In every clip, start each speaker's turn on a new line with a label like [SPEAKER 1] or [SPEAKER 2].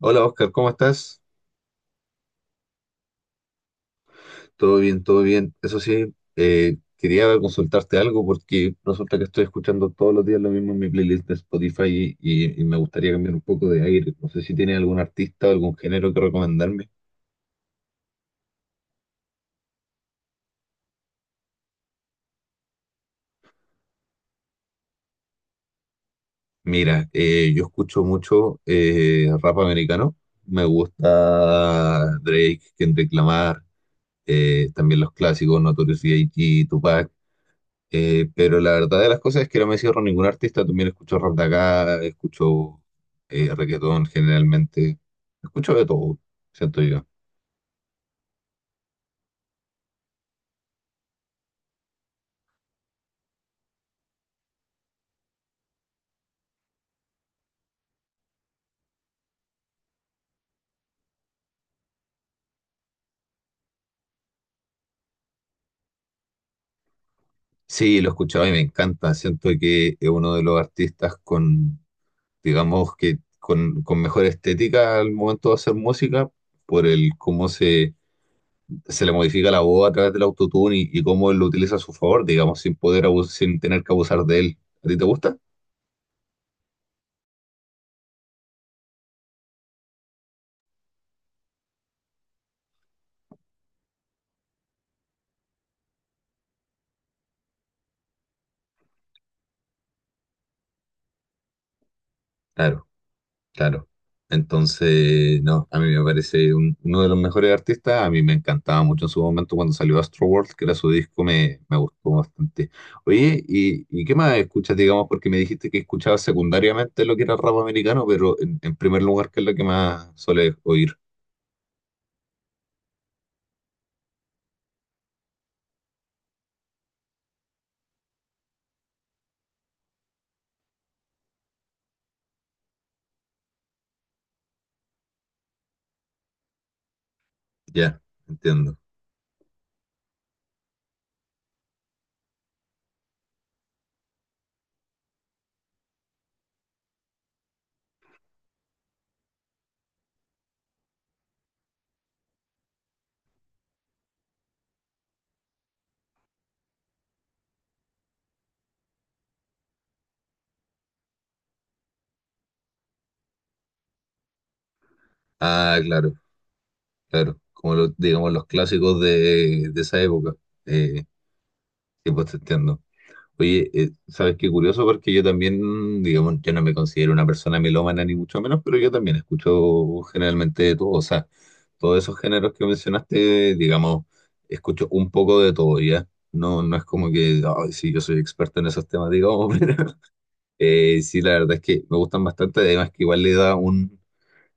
[SPEAKER 1] Hola Oscar, ¿cómo estás? Todo bien, todo bien. Eso sí, quería consultarte algo porque resulta que estoy escuchando todos los días lo mismo en mi playlist de Spotify y me gustaría cambiar un poco de aire. No sé si tienes algún artista o algún género que recomendarme. Mira, yo escucho mucho rap americano. Me gusta Drake, Kendrick Lamar, también los clásicos Notorious B.I.G., Tupac. Pero la verdad de las cosas es que no me cierro a ningún artista. También escucho rap de acá, escucho reggaetón generalmente. Escucho de todo, siento yo. Sí, lo he escuchado y me encanta. Siento que es uno de los artistas con, digamos que con mejor estética al momento de hacer música, por el se le modifica la voz a través del autotune y cómo él lo utiliza a su favor, digamos, sin tener que abusar de él. ¿A ti te gusta? Claro. Claro. Entonces, no, a mí me parece uno de los mejores artistas. A mí me encantaba mucho en su momento cuando salió Astroworld, que era su disco, me gustó bastante. Oye, ¿y qué más escuchas, digamos? Porque me dijiste que escuchabas secundariamente lo que era rap americano, pero en primer lugar, ¿qué es lo que más sueles oír? Ya, entiendo. Ah, claro, claro. Como los, digamos, los clásicos de esa época. Eh, sí, pues te entiendo. Oye, ¿sabes qué curioso? Porque yo también, digamos, yo no me considero una persona melómana ni mucho menos, pero yo también escucho generalmente de todo, o sea, todos esos géneros que mencionaste, digamos, escucho un poco de todo, ¿ya? No, no es como que, ay, sí, yo soy experto en esos temas, digamos, pero sí, la verdad es que me gustan bastante, además que igual le da un,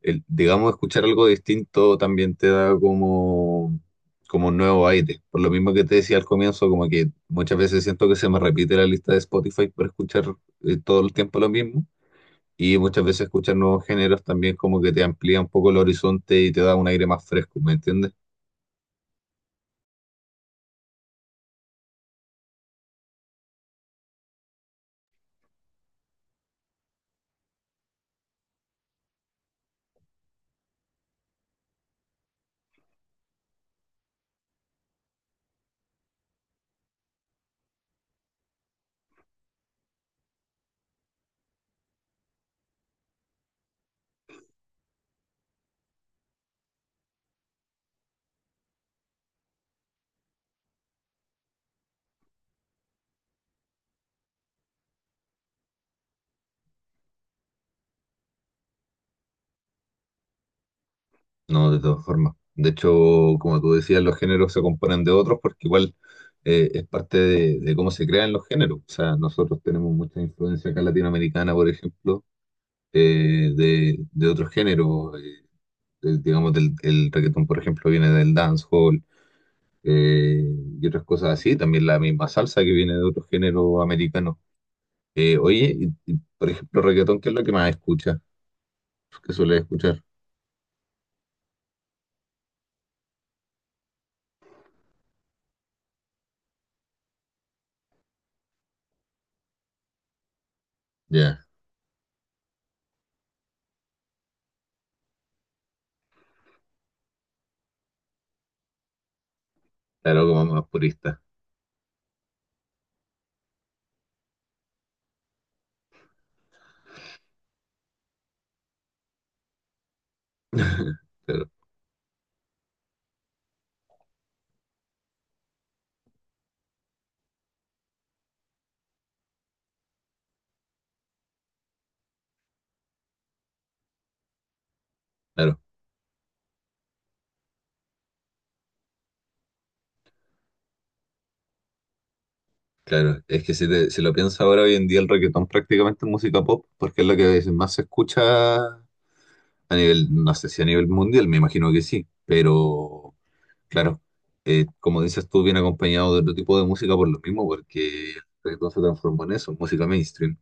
[SPEAKER 1] digamos, escuchar algo distinto también te da como, como un nuevo aire. Por lo mismo que te decía al comienzo, como que muchas veces siento que se me repite la lista de Spotify por escuchar todo el tiempo lo mismo. Y muchas veces escuchar nuevos géneros también como que te amplía un poco el horizonte y te da un aire más fresco, ¿me entiendes? No, de todas formas. De hecho, como tú decías, los géneros se componen de otros porque igual es parte de cómo se crean los géneros. O sea, nosotros tenemos mucha influencia acá latinoamericana, por ejemplo, de otros géneros. Digamos, el reggaetón, por ejemplo, viene del dancehall eh, y otras cosas así. También la misma salsa que viene de otros géneros americanos. Oye, por ejemplo, reggaetón, ¿qué es lo que más escuchas? ¿Qué sueles escuchar? Ya, claro, como más purista. Claro, claro, claro. Es que si lo piensas ahora, hoy en día el reggaetón prácticamente es música pop, porque es la que más se escucha a nivel, no sé si a nivel mundial, me imagino que sí, pero. Claro, como dices tú, viene acompañado de otro tipo de música por lo mismo, porque el reggaetón se transformó en eso, música mainstream.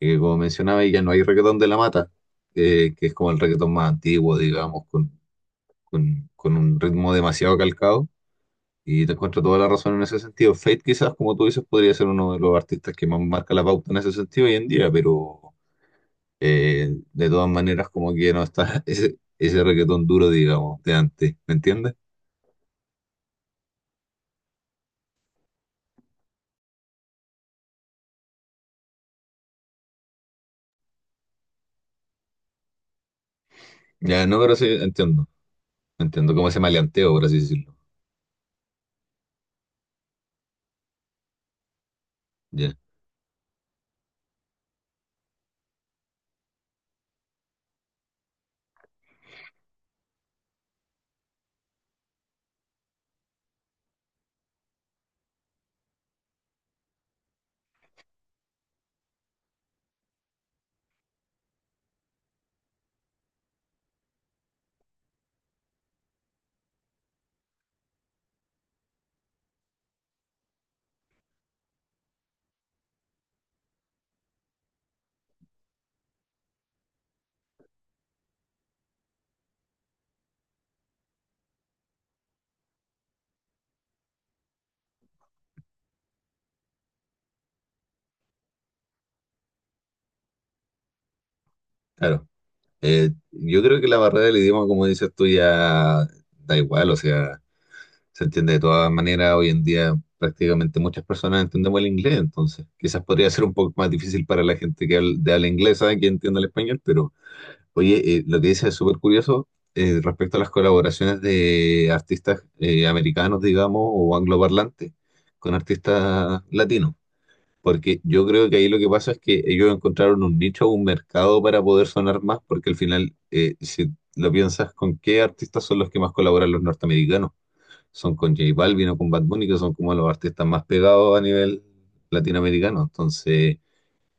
[SPEAKER 1] Como mencionaba, ya no hay reggaetón de la mata, que es como el reggaetón más antiguo, digamos, con, con un ritmo demasiado calcado, y te encuentro toda la razón en ese sentido. Fate quizás, como tú dices, podría ser uno de los artistas que más marca la pauta en ese sentido hoy en día, pero de todas maneras como que no está ese reggaetón duro, digamos, de antes, ¿me entiendes? Ya, no, pero sí, entiendo. No entiendo cómo ese maleanteo, por así decirlo. Ya, claro. Yo creo que la barrera del idioma, como dices tú, ya da igual, o sea, se entiende de todas maneras. Hoy en día prácticamente muchas personas entendemos el inglés, entonces quizás podría ser un poco más difícil para la gente que habla, de habla inglesa, que entienda el español, pero oye, lo que dices es súper curioso respecto a las colaboraciones de artistas americanos, digamos, o angloparlantes con artistas latinos. Porque yo creo que ahí lo que pasa es que ellos encontraron un nicho, un mercado para poder sonar más, porque al final, si lo piensas, ¿con qué artistas son los que más colaboran los norteamericanos? Son con J Balvin o con Bad Bunny, que son como los artistas más pegados a nivel latinoamericano. Entonces,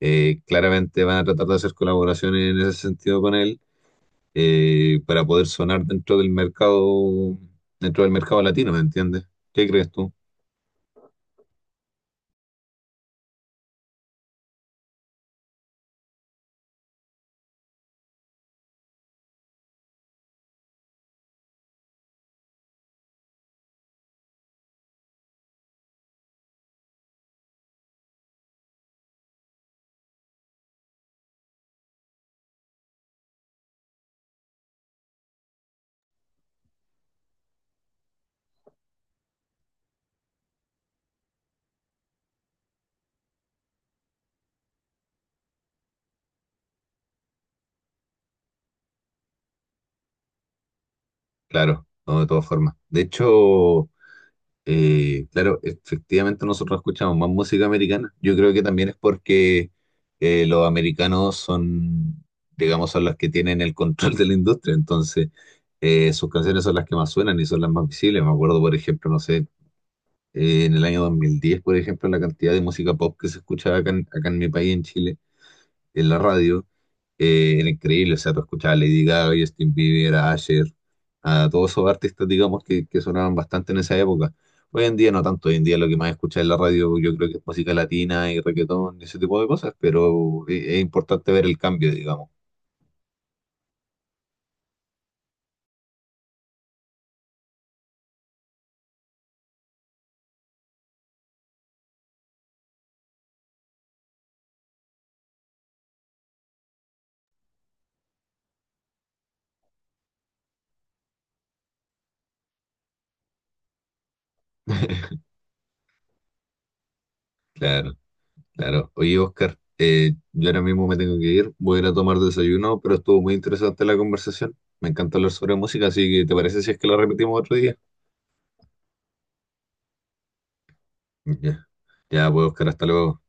[SPEAKER 1] claramente van a tratar de hacer colaboraciones en ese sentido con él para poder sonar dentro del mercado latino, ¿me entiendes? ¿Qué crees tú? Claro, no, de todas formas. De hecho... Claro, efectivamente nosotros escuchamos más música americana. Yo creo que también es porque los americanos son, digamos, son los que tienen el control de la industria, entonces sus canciones son las que más suenan y son las más visibles. Me acuerdo, por ejemplo, no sé, en el año 2010, por ejemplo, la cantidad de música pop que se escuchaba acá en mi país, en Chile en la radio, era increíble. O sea, tú escuchabas a Lady Gaga, Justin Bieber, a Asher, a todos esos artistas, digamos, que sonaban bastante en esa época. Hoy en día no tanto, hoy en día lo que más escuchas en la radio yo creo que es música latina y reggaetón y ese tipo de cosas, pero es importante ver el cambio, digamos. Claro, claro. Oye, Oscar, yo ahora mismo me tengo que ir, voy a ir a tomar desayuno, pero estuvo muy interesante la conversación. Me encanta hablar sobre música, así que ¿te parece si es que la repetimos otro día? Ya, ya, pues Oscar, hasta luego.